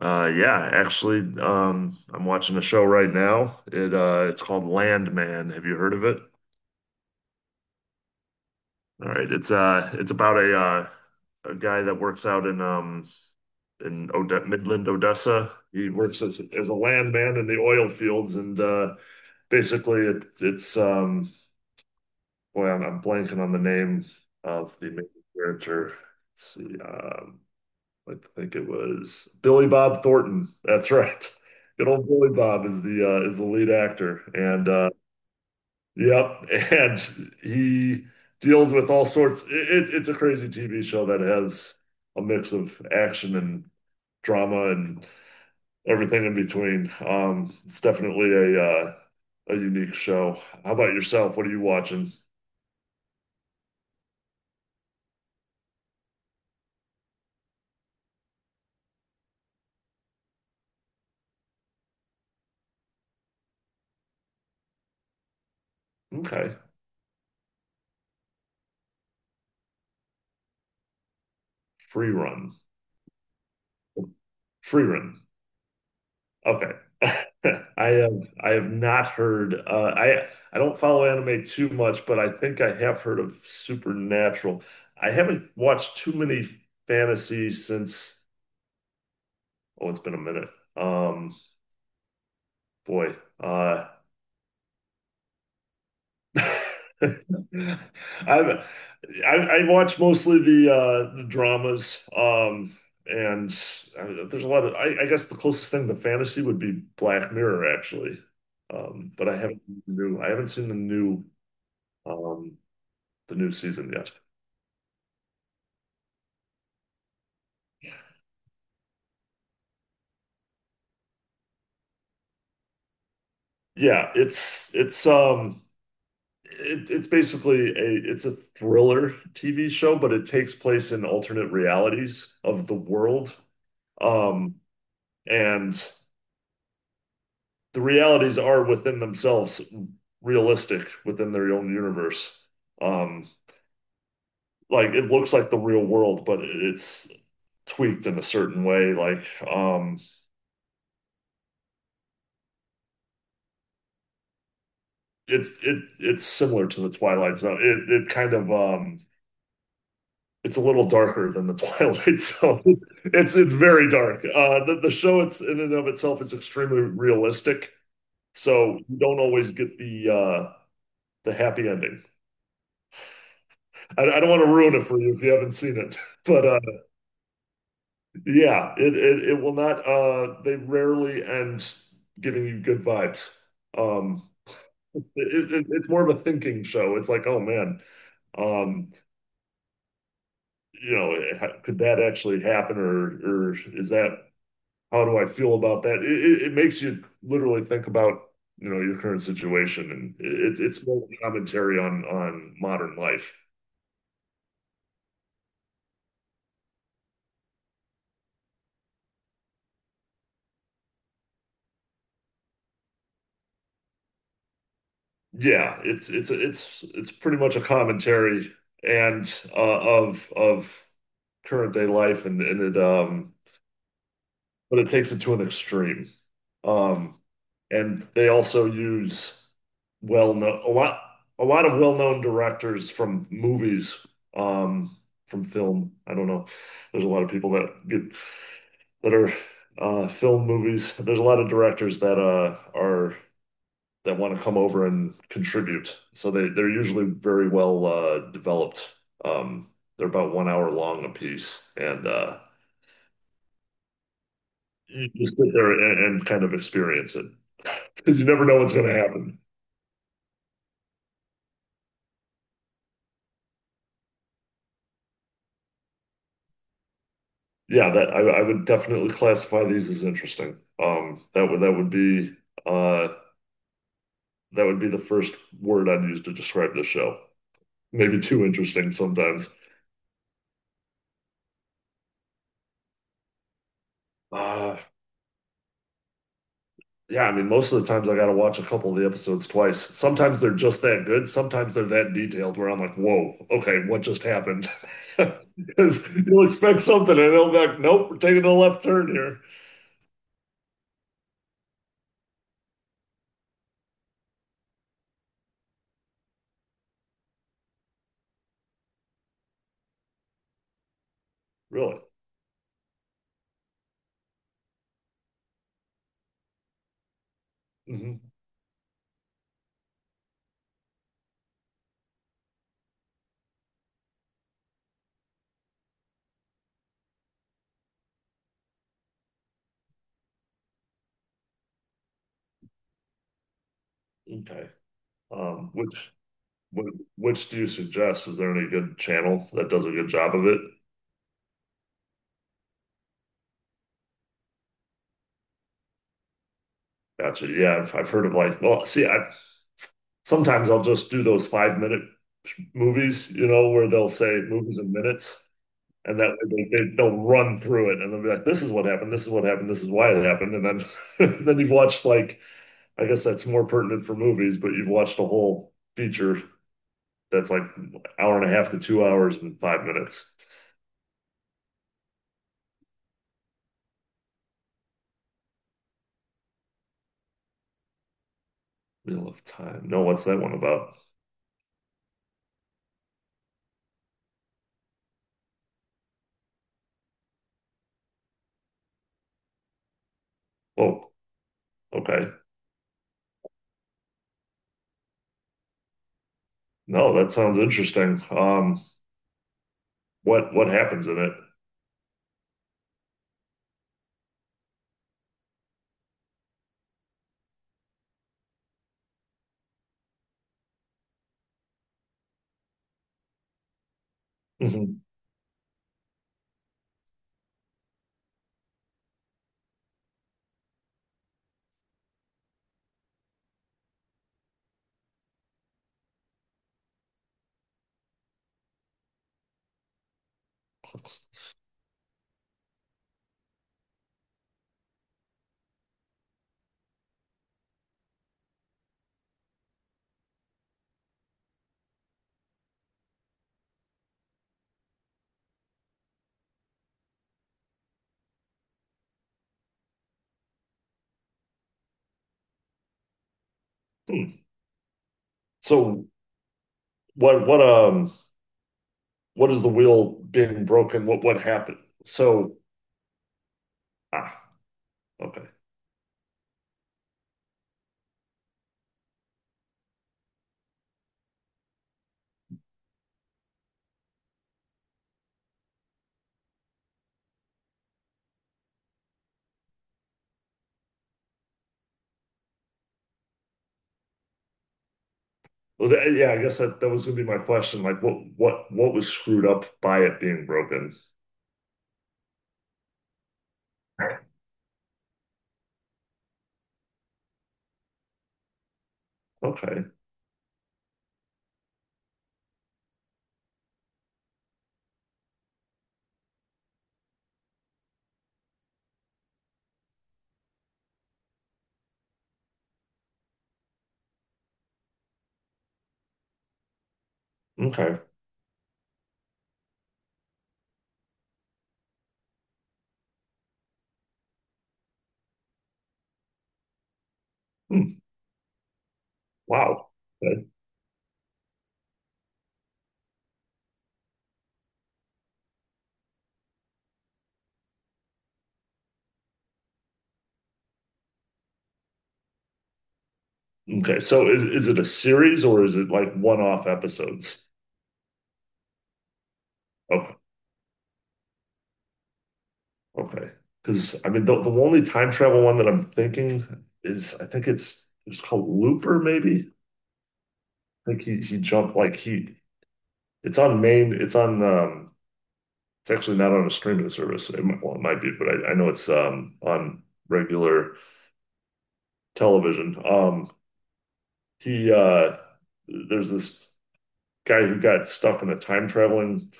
Yeah, actually, I'm watching a show right now. It's called Landman. Have you heard of it? All right, it's about a guy that works out in in Ode Midland, Odessa. He works as a landman in the oil fields, and basically, it, it's boy, I'm blanking on the name of the main character. Let's see, I think it was Billy Bob Thornton. That's right. Good old Billy Bob is the lead actor, and yep, and he deals with all sorts. It's a crazy TV show that has a mix of action and drama and everything in between. It's definitely uh, a unique show. How about yourself? What are you watching? Okay, Free Run, Free Run. Okay. I have not heard uh, I don't follow anime too much, but I think I have heard of Supernatural. I haven't watched too many fantasies since oh, it's been a minute. Um, boy, uh, i I watch mostly the dramas and there's a lot of I guess the closest thing to fantasy would be Black Mirror actually but I haven't seen um the new season yet. Yeah, it's basically a it's a thriller TV show, but it takes place in alternate realities of the world, um and the realities are within themselves realistic within their own universe. Um, like it looks like the real world, but it's tweaked in a certain way. Like um, it's similar to the Twilight Zone. It kind of it's a little darker than the Twilight Zone. It's very dark. The show it's in and of itself is extremely realistic, so you don't always get the happy ending. I don't want to ruin it for you if you haven't seen it, but yeah, it will not they rarely end giving you good vibes. Um it, it's more of a thinking show. It's like, oh man, um you know, could that actually happen, or is that how do I feel about that? It makes you literally think about, you know, your current situation, and it's more commentary on modern life. Yeah, it's pretty much a commentary and uh, of current day life, and it but it takes it to an extreme. Um and they also use well-known a lot of well-known directors from movies um from film. I don't know. There's a lot of people that get that are film movies. There's a lot of directors that are that want to come over and contribute. So they're usually very well developed. Um, they're about one hour long a piece, and you just sit there and kind of experience it, because you never know what's going to happen. Yeah, that I would definitely classify these as interesting. Um, that would that would be uh, that would be the first word I'd use to describe this show. Maybe too interesting sometimes. Uh, Yeah, I mean, most of the times I got to watch a couple of the episodes twice. Sometimes they're just that good. Sometimes they're that detailed where I'm like, whoa, okay, what just happened? Because you'll expect something and they'll be like, nope, we're taking a left turn here. Really? Hmm. Okay. Um, which, which do you suggest? Is there any good channel that does a good job of it? Gotcha. Yeah, I've heard of like, well, see, I sometimes I'll just do those 5 minute movies, you know, where they'll say movies in minutes. And that way they'll run through it, and they'll be like, this is what happened, this is what happened, this is why it happened. And then then you've watched like I guess that's more pertinent for movies, but you've watched a whole feature that's like an hour and a half to 2 hours and 5 minutes. Wheel of Time. No, what's that one about? Oh, okay. No, that sounds interesting. What happens in it? Hmm. So what what um what is the wheel being broken? What happened? So ah okay. Well, that, yeah, I guess that was gonna be my question. Like, what was screwed up by it being broken? Okay. Okay. Hmm. Wow. Okay. Okay. So is it a series, or is it like one-off episodes? Okay. Okay. Because I mean, the only time travel one that I'm thinking is I think it's called Looper. Maybe I think he jumped like he it's on it's actually not on a streaming service. It might, well, it might be, but I know it's on regular television. He there's this guy who got stuck in a time traveling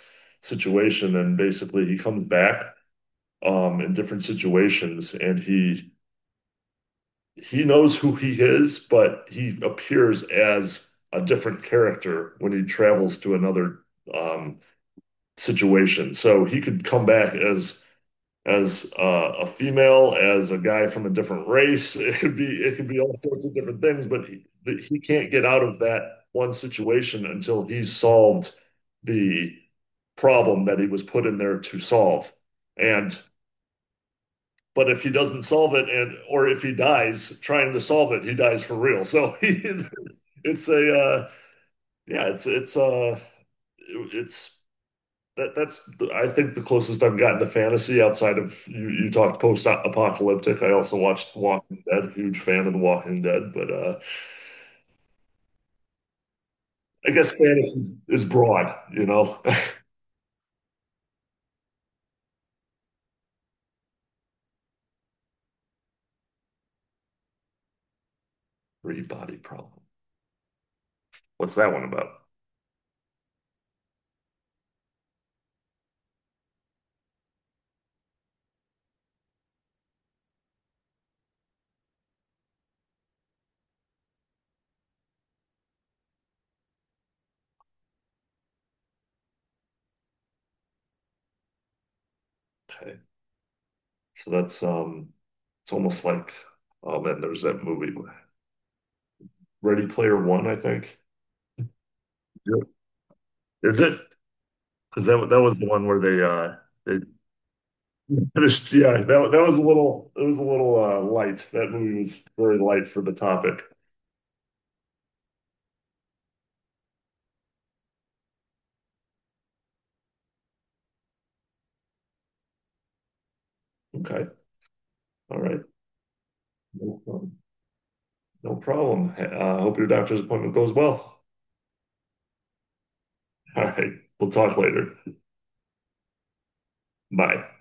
situation, and basically he comes back in different situations, and he knows who he is, but he appears as a different character when he travels to another um, situation. So he could come back as a female, as a guy from a different race. It could be all sorts of different things, but he can't get out of that one situation until he's solved the problem that he was put in there to solve. And but if he doesn't solve it, and or if he dies trying to solve it, he dies for real. So he, it's a yeah, it's that's I think the closest I've gotten to fantasy outside of you talked post-apocalyptic. I also watched The Walking Dead, huge fan of The Walking Dead, but I guess fantasy is broad, you know. Free body problem. What's that one about? Okay. So that's it's almost like oh man, there's that movie Ready Player One, I think. Yep. Is it? Because that was the one where they they finished yeah, that that was a little it was a little light. That movie was very light for the topic. Okay, all right. No problem. No problem. I hope your doctor's appointment goes well. All right, we'll talk later. Bye.